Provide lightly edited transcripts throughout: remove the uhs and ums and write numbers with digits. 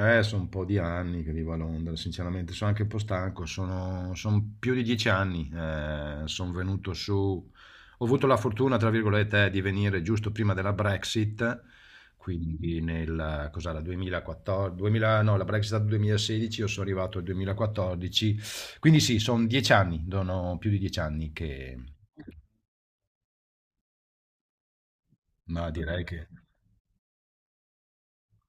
Sono un po' di anni che vivo a Londra, sinceramente sono anche un po' stanco, son più di 10 anni, sono venuto su, ho avuto la fortuna, tra virgolette, di venire giusto prima della Brexit, quindi nel, cos'era, 2014, 2000, no, la Brexit è stata 2016, io sono arrivato nel 2014, quindi sì, sono 10 anni, sono più di 10 anni che, ma direi che...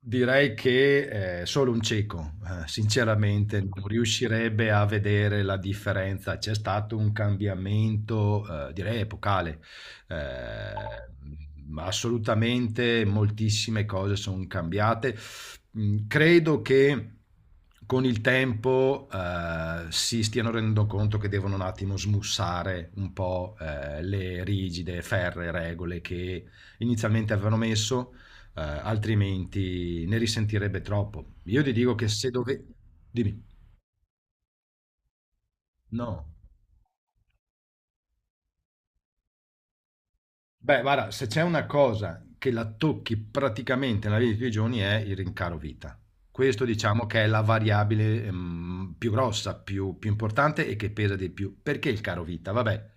Direi che, solo un cieco, sinceramente non riuscirebbe a vedere la differenza. C'è stato un cambiamento, direi epocale. Assolutamente moltissime cose son cambiate. Credo che con il tempo, si stiano rendendo conto che devono un attimo smussare un po', le rigide, ferree regole che inizialmente avevano messo, altrimenti ne risentirebbe troppo. Io ti dico che se dove... Dimmi. No. Beh, guarda, se c'è una cosa che la tocchi praticamente nella vita di tutti i giorni è il rincaro vita. Questo diciamo che è la variabile più grossa, più importante e che pesa di più. Perché il caro vita? Vabbè,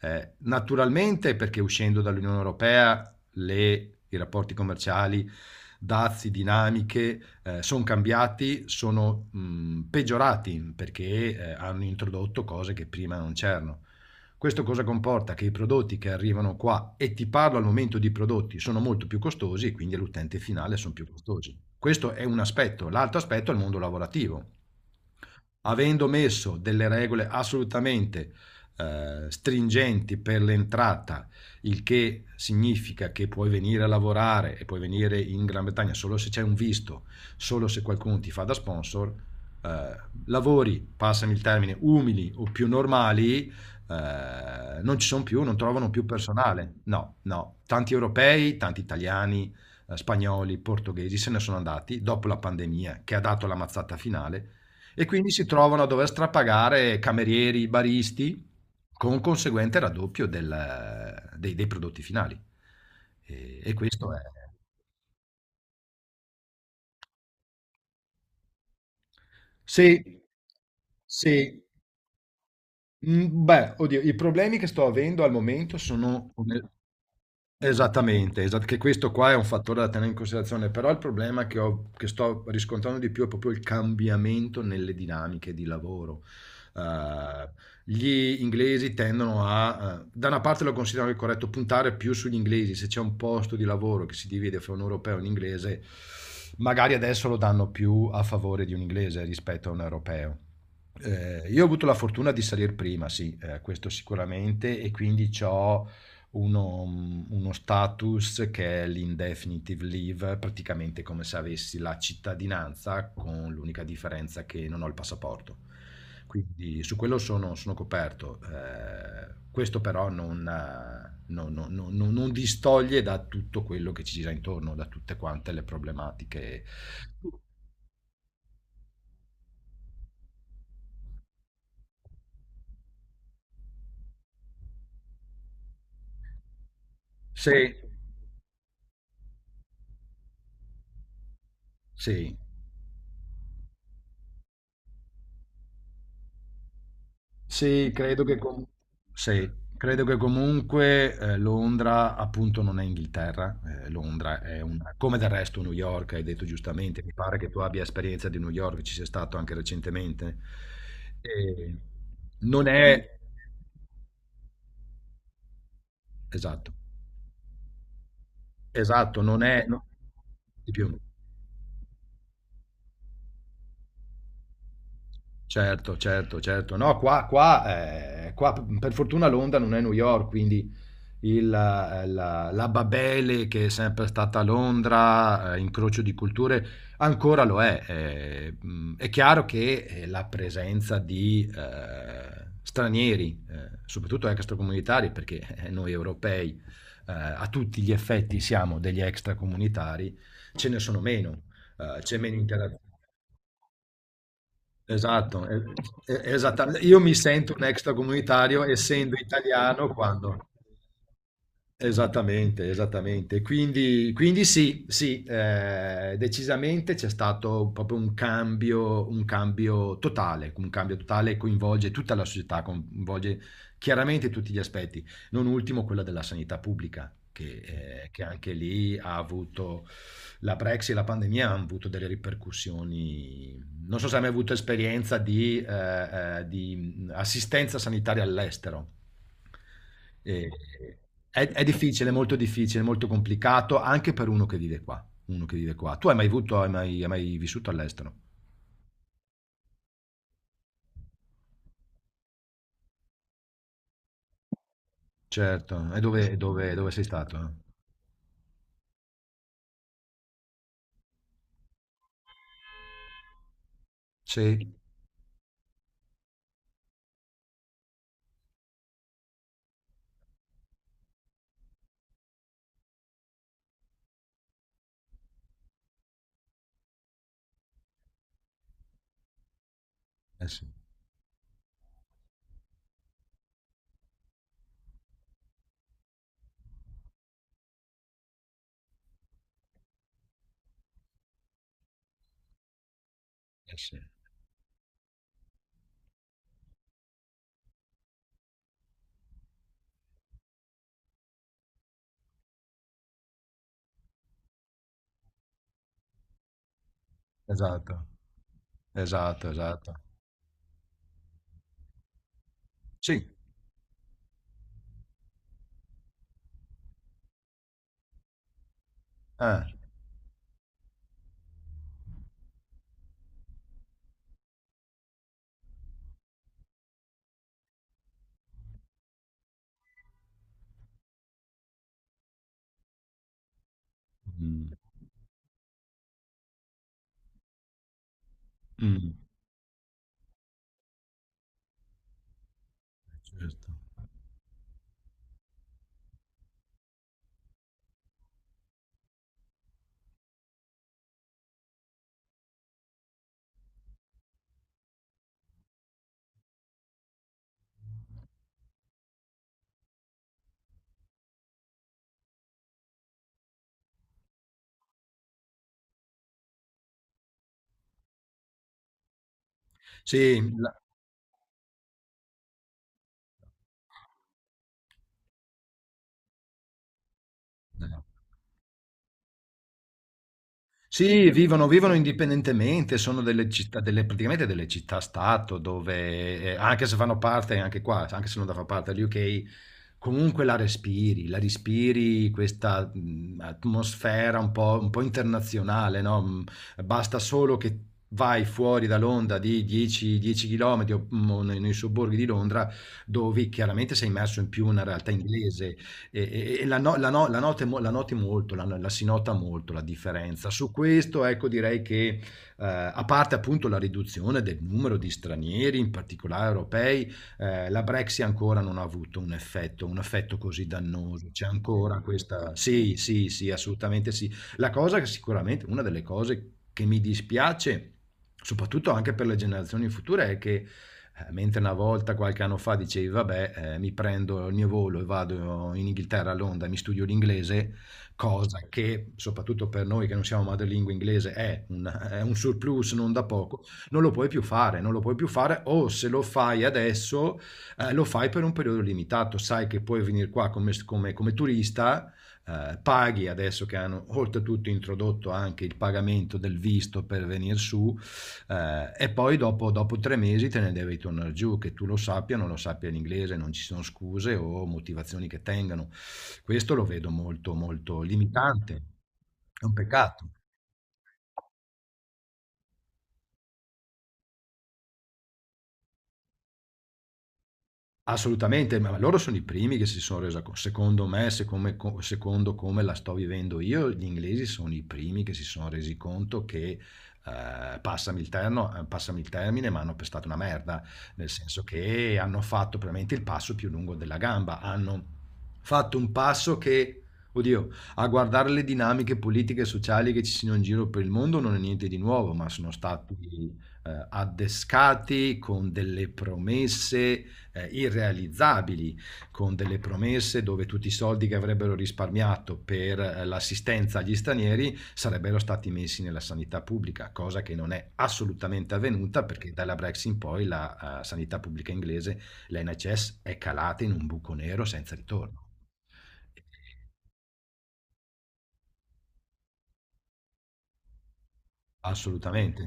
naturalmente perché uscendo dall'Unione Europea i rapporti commerciali, dazi, dinamiche sono cambiati, sono peggiorati perché hanno introdotto cose che prima non c'erano. Questo cosa comporta? Che i prodotti che arrivano qua, e ti parlo al momento di prodotti, sono molto più costosi e quindi all'utente finale sono più costosi. Questo è un aspetto. L'altro aspetto è il mondo lavorativo. Avendo messo delle regole assolutamente stringenti per l'entrata, il che significa che puoi venire a lavorare e puoi venire in Gran Bretagna solo se c'è un visto, solo se qualcuno ti fa da sponsor, lavori, passami il termine, umili o più normali, non ci sono più, non trovano più personale. No, no, tanti europei, tanti italiani, spagnoli, portoghesi se ne sono andati dopo la pandemia che ha dato la mazzata finale e quindi si trovano a dover strapagare camerieri, baristi con conseguente raddoppio dei prodotti finali. E questo è... Sì, sì. Beh, oddio, i problemi che sto avendo al momento sono, Esattamente, esat che questo qua è un fattore da tenere in considerazione, però il problema che ho che sto riscontrando di più è proprio il cambiamento nelle dinamiche di lavoro. Ehm, Gli inglesi tendono a da una parte lo considero anche corretto, puntare più sugli inglesi, se c'è un posto di lavoro che si divide fra un europeo e un inglese, magari adesso lo danno più a favore di un inglese rispetto a un europeo. Io ho avuto la fortuna di salir prima, sì, questo sicuramente e quindi c'ho uno status che è l'Indefinite Leave, praticamente come se avessi la cittadinanza, con l'unica differenza che non ho il passaporto. Quindi su quello sono coperto. Questo però non distoglie da tutto quello che ci gira intorno, da tutte quante le problematiche. Sì, sì. Sì, credo che, com- sì, credo che comunque Londra appunto non è Inghilterra, Londra è un, come del resto New York, hai detto giustamente, mi pare che tu abbia esperienza di New York, ci sei stato anche recentemente. E non è, esatto, esatto, non è, no, di più. Certo, certo, certo. No, qua per fortuna Londra non è New York, quindi la Babele che è sempre stata a Londra, incrocio di culture, ancora lo è. È chiaro che la presenza di stranieri, soprattutto extracomunitari, perché noi europei a tutti gli effetti siamo degli extracomunitari, ce ne sono meno, c'è meno interazione. Esatto, esattamente. Io mi sento un extracomunitario essendo italiano quando... Esattamente, esattamente. Quindi sì, sì, decisamente c'è stato proprio un cambio totale che coinvolge tutta la società, coinvolge chiaramente tutti gli aspetti, non ultimo quella della sanità pubblica, che anche lì ha avuto la Brexit e la pandemia hanno avuto delle ripercussioni. Non so se hai mai avuto esperienza di assistenza sanitaria all'estero. E- è difficile, molto complicato anche per uno che vive qua. Uno che vive qua. Tu hai mai avuto, hai mai vissuto all'estero? Certo. E dove sei stato? Eh? Sì. Eh sì, eh sì. Esatto, esatto, esatto. Sì. Eh. Mm. Mm. Certo. Sì. Eh. Sì, vivono indipendentemente, sono delle città delle praticamente delle città-stato dove, anche se fanno parte anche qua, anche se non da fa parte dell'UK, comunque la respiri questa, atmosfera un po' internazionale, no, basta solo che vai fuori da Londra di 10 chilometri o, o nei sobborghi di Londra, dove chiaramente sei immerso in più una realtà inglese e la, no- la, no- la, note mo- la noti molto, la si nota molto la differenza. Su questo, ecco, direi che a parte appunto la riduzione del numero di stranieri, in particolare europei, la Brexit ancora non ha avuto un effetto così dannoso. C'è ancora questa... Sì, sì, sì, assolutamente sì. La cosa che sicuramente, una delle cose che mi dispiace, soprattutto anche per le generazioni future, è che mentre una volta, qualche anno fa, dicevi, vabbè, mi prendo il mio volo e vado in Inghilterra, a Londra, e mi studio l'inglese, cosa che, soprattutto per noi che non siamo madrelingua inglese, è un surplus non da poco, non lo puoi più fare, non lo puoi più fare, o se lo fai adesso, lo fai per un periodo limitato, sai che puoi venire qua come turista, paghi adesso che hanno oltretutto introdotto anche il pagamento del visto per venire su, e poi dopo, 3 mesi te ne devi tornare giù, che tu lo sappia, o non lo sappia l'inglese, non ci sono scuse o motivazioni che tengano. Questo lo vedo molto, molto limitante. È un peccato. Assolutamente, ma loro sono i primi che si sono resi conto. Secondo come la sto vivendo io, gli inglesi sono i primi che si sono resi conto che, passami passami il termine, ma hanno pestato una merda, nel senso che hanno fatto veramente il passo più lungo della gamba, hanno fatto un passo che, oddio, a guardare le dinamiche politiche e sociali che ci sono in giro per il mondo non è niente di nuovo, ma sono stati, addescati con delle promesse irrealizzabili, con delle promesse dove tutti i soldi che avrebbero risparmiato per l'assistenza agli stranieri sarebbero stati messi nella sanità pubblica, cosa che non è assolutamente avvenuta perché dalla Brexit in poi la sanità pubblica inglese, l'NHS, è calata in un buco nero senza ritorno. Assolutamente.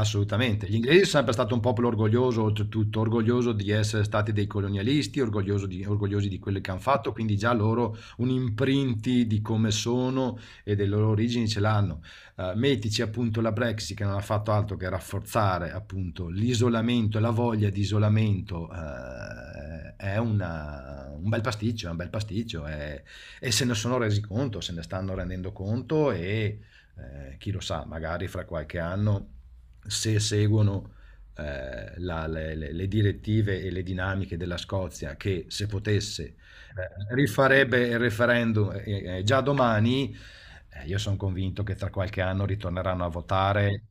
Assolutamente. Gli inglesi sono sempre stato un popolo orgoglioso, oltretutto orgoglioso di essere stati dei colonialisti, orgogliosi di quello che hanno fatto, quindi già loro un imprinti di come sono e delle loro origini ce l'hanno. Mettici appunto la Brexit che non ha fatto altro che rafforzare appunto l'isolamento, la voglia di isolamento, è un bel pasticcio, è un bel pasticcio e se ne sono resi conto, se ne stanno rendendo conto e chi lo sa, magari fra qualche anno se seguono le direttive e le dinamiche della Scozia, che se potesse rifarebbe il referendum già domani, io sono convinto che tra qualche anno ritorneranno a votare.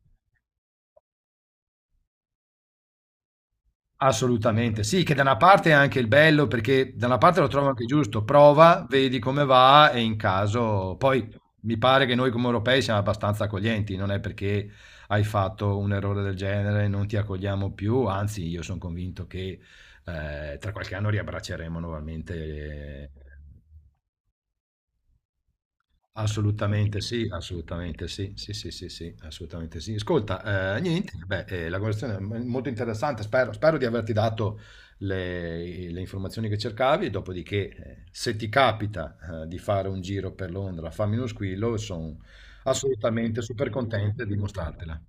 Assolutamente, sì, che da una parte è anche il bello, perché da una parte lo trovo anche giusto, prova, vedi come va e in caso poi mi pare che noi come europei siamo abbastanza accoglienti, non è perché hai fatto un errore del genere e non ti accogliamo più, anzi io sono convinto che tra qualche anno riabbracceremo nuovamente. Assolutamente sì, sì, sì, sì, sì, assolutamente sì. Ascolta, niente, beh, la conversazione è molto interessante, spero di averti dato le informazioni che cercavi, dopodiché se ti capita di fare un giro per Londra, fammi uno squillo, sono assolutamente super contento di mostrartela.